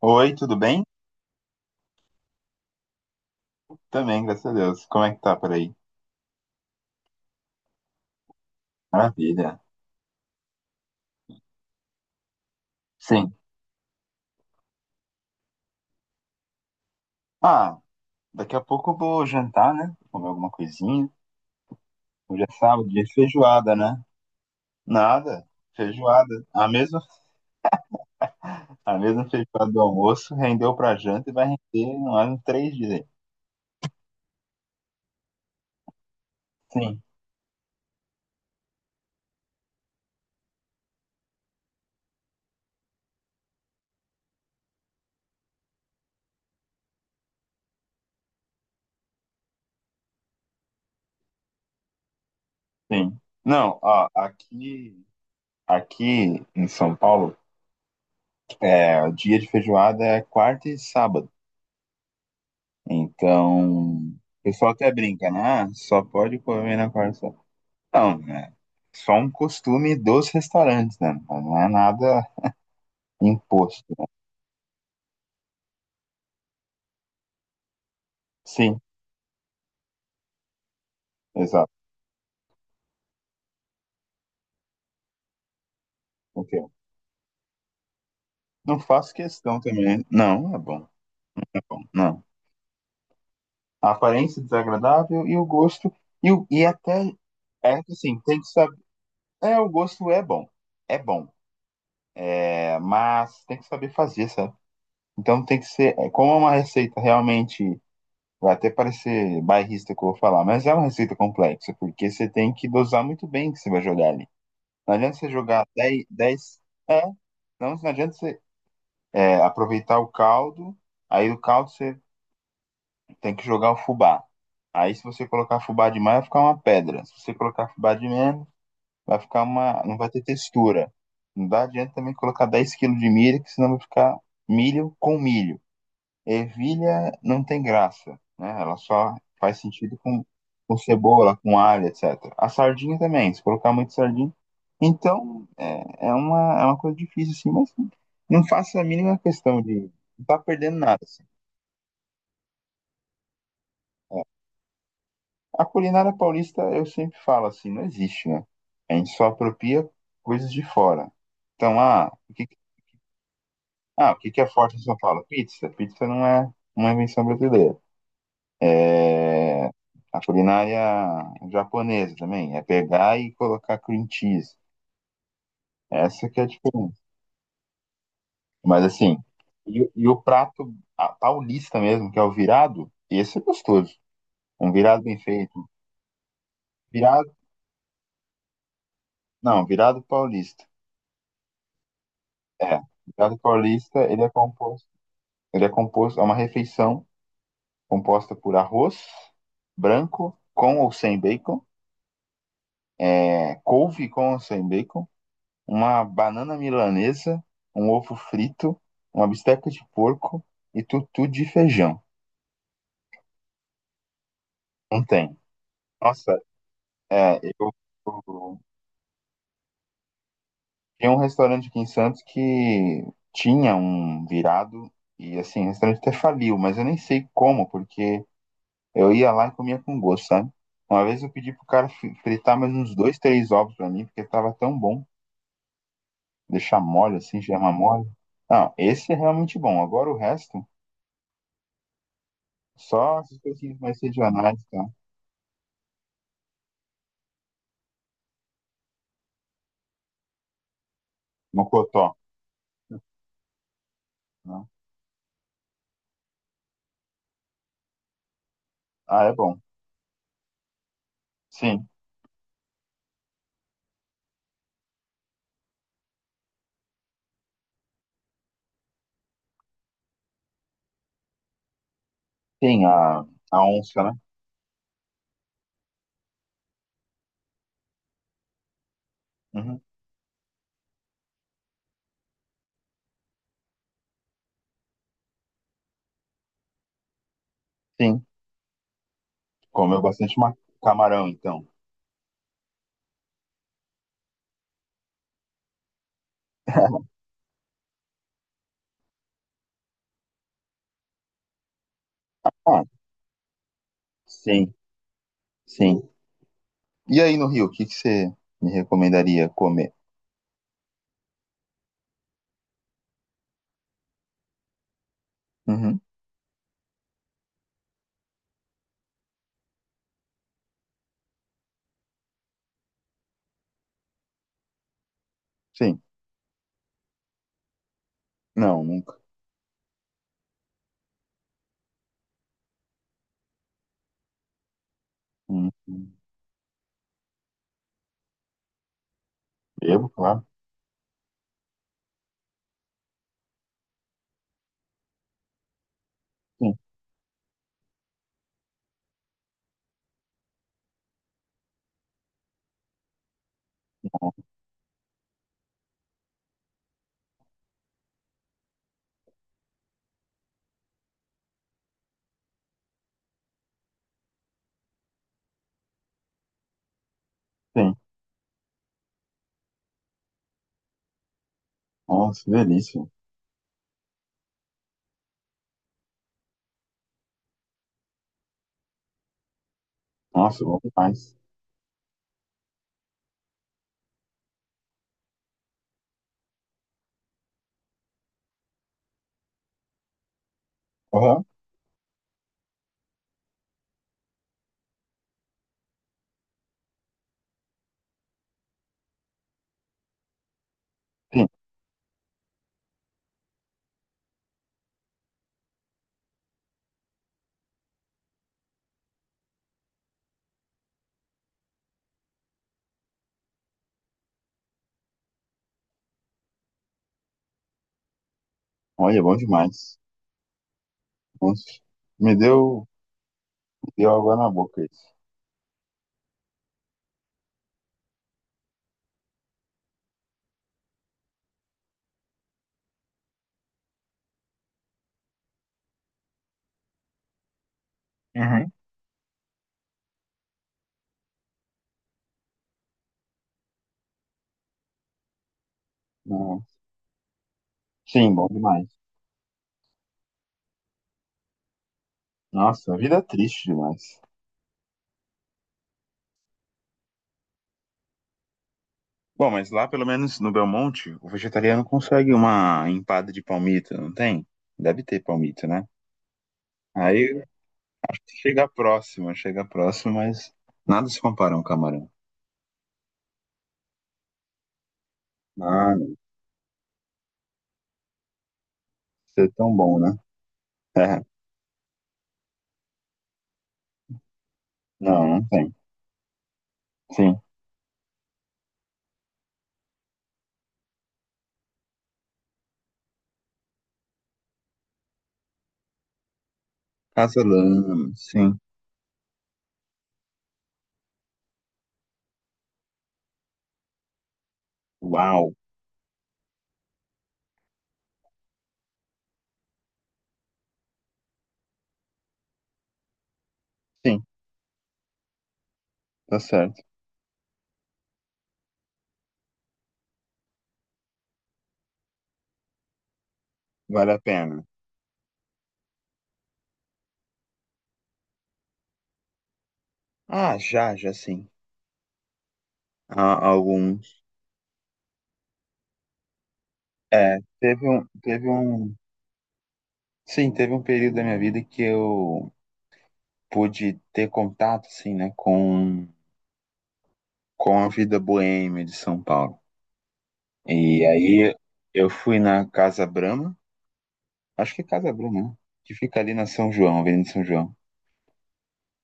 Oi, tudo bem? Também, graças a Deus. Como é que tá por aí? Maravilha. Sim. Ah, daqui a pouco eu vou jantar, né? Comer alguma coisinha. Hoje é sábado, dia de feijoada, né? Nada. Feijoada. A mesma feijoada do almoço rendeu pra janta e vai render mais uns 3 dias aí. Sim, sim. Não, ó, aqui em São Paulo, o dia de feijoada é quarta e sábado. Então, o pessoal até brinca, né? Ah, só pode comer na quarta. Não, é só um costume dos restaurantes, né? Não é nada imposto. Sim, exato. Ok. Não faço questão também. Não, é bom. É bom. Não. A aparência é desagradável e o gosto. E até. É que assim, tem que saber. É, o gosto é bom. É bom. É, mas tem que saber fazer, sabe? Então tem que ser, como é uma receita realmente. Vai até parecer bairrista que eu vou falar, mas é uma receita complexa, porque você tem que dosar muito bem o que você vai jogar ali. Não adianta você jogar dez, é, não adianta você, aproveitar o caldo, aí o caldo você tem que jogar o fubá. Aí se você colocar fubá demais, vai ficar uma pedra. Se você colocar fubá de menos, vai ficar não vai ter textura. Não dá adianta também colocar 10 quilos de milho, que senão vai ficar milho com milho ervilha não tem graça, né? Ela só faz sentido com cebola, com alho, etc. A sardinha também, se colocar muito sardinha. Então, é uma coisa difícil, assim, mas não faço a mínima questão de não tá perdendo nada, assim. A culinária paulista, eu sempre falo assim, não existe, né? A gente só apropria coisas de fora. Então, ah, o que que é forte em São Paulo? Pizza. Pizza não é uma invenção brasileira. É, a culinária japonesa também, é pegar e colocar cream cheese. Essa que é a diferença. Mas assim, e o prato a paulista mesmo, que é o virado, esse é gostoso. Um virado bem feito. Virado, não, virado paulista. É, virado paulista, ele é composto, é uma refeição composta por arroz branco com ou sem bacon, couve com ou sem bacon, uma banana milanesa, um ovo frito, uma bisteca de porco e tutu de feijão. Não tem. Nossa, é, eu, eu tinha um restaurante aqui em Santos que tinha um virado e assim, o restaurante até faliu, mas eu nem sei como, porque eu ia lá e comia com gosto, sabe? Uma vez eu pedi pro cara fritar mais uns dois, três ovos pra mim, porque tava tão bom. Deixar mole assim, gema mole. Não, esse é realmente bom. Agora o resto, só essas coisinhas mais regionais, tá? Mocotó, né? Ah, é bom. Sim, sim, a onça, né? Uhum. Sim, comeu bastante camarão, então. Ah, sim, sim. E aí no Rio, o que que você me recomendaria comer? Uhum. Sim, não, nunca. Uhum. Bebo, claro. Sim, sim. Nossa, que delícia. Nossa, bom demais. Aham, sim, olha, bom demais. Nossa, me deu, me deu água na boca isso. Uhum. Nossa. Sim, bom demais. Nossa, a vida é triste demais. Bom, mas lá pelo menos no Belmonte, o vegetariano consegue uma empada de palmito, não tem? Deve ter palmito, né? Aí chega próximo, mas nada se compara a um camarão. Ah, isso é tão bom, né? É, não, não tem. Sim. Casalama, sim. Uau. Sim, tá certo. Vale a pena. Ah, já, já sim. Há alguns. É, teve um. Sim, teve um período da minha vida que eu pude ter contato, assim, né, com a vida boêmia de São Paulo. E aí eu fui na Casa Brahma, acho que é Casa Brahma, né, que fica ali na São João, Avenida São João.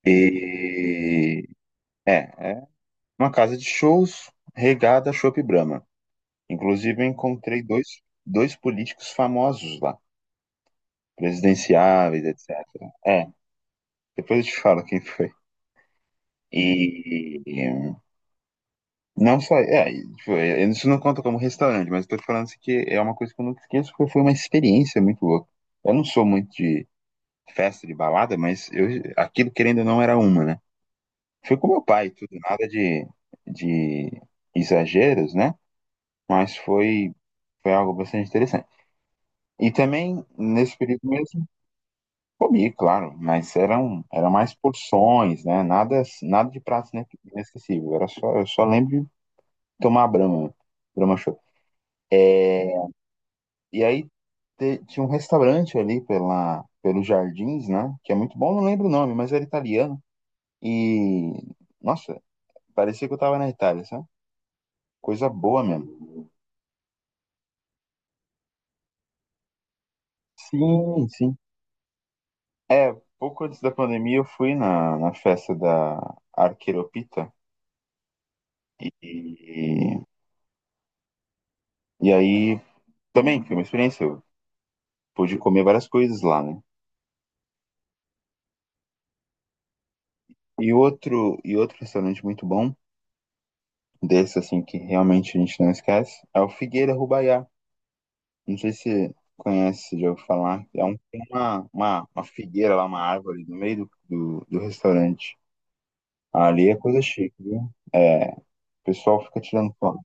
E é, é uma casa de shows regada a Chopp Brahma. Inclusive eu encontrei dois políticos famosos lá, presidenciáveis, etc. É, depois eu te falo quem foi. E não só. É, tipo, isso não conta como restaurante, mas eu tô falando assim que é uma coisa que eu nunca esqueço, porque foi uma experiência muito louca. Eu não sou muito de festa, de balada, mas aquilo querendo ou não era uma, né? Fui com meu pai, tudo, nada de exageros, né? Mas foi algo bastante interessante. E também, nesse período mesmo, comi, claro, mas eram mais porções, né? Nada, nada de prato inesquecível. Eu só lembro de tomar Brahma, Brahma Chopp. E aí, tinha um restaurante ali pela, pelos jardins, né? Que é muito bom, não lembro o nome, mas era italiano. E, nossa, parecia que eu tava na Itália, sabe? Coisa boa mesmo. Sim, sim. É, pouco antes da pandemia eu fui na festa da Arqueropita. E, e aí também foi uma experiência. Eu pude comer várias coisas lá, né? E outro restaurante muito bom, desse assim que realmente a gente não esquece, é o Figueira Rubaiá. Não sei se conhece, já ouviu falar. Tem uma figueira lá, uma árvore no meio do restaurante. Ali é coisa chique, viu? É, o pessoal fica tirando foto.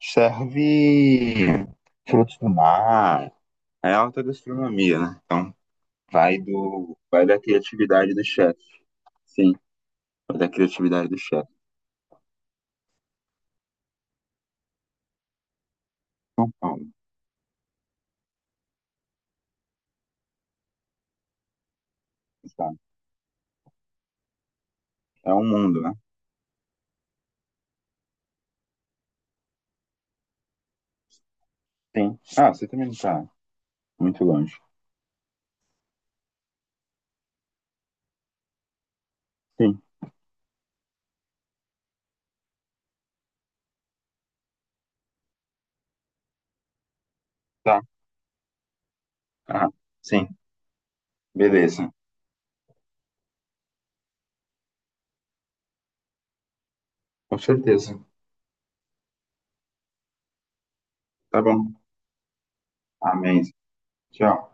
Serve frutos do mar. É alta gastronomia, né? Então, vai da criatividade do chefe. Sim, vai da criatividade do chefe. Então, tá. É um mundo, né? Sim. Ah, você também não tá muito longe. Sim. Tá. Ah, sim. Beleza. Com certeza. Tá bom. Amém. Tchau.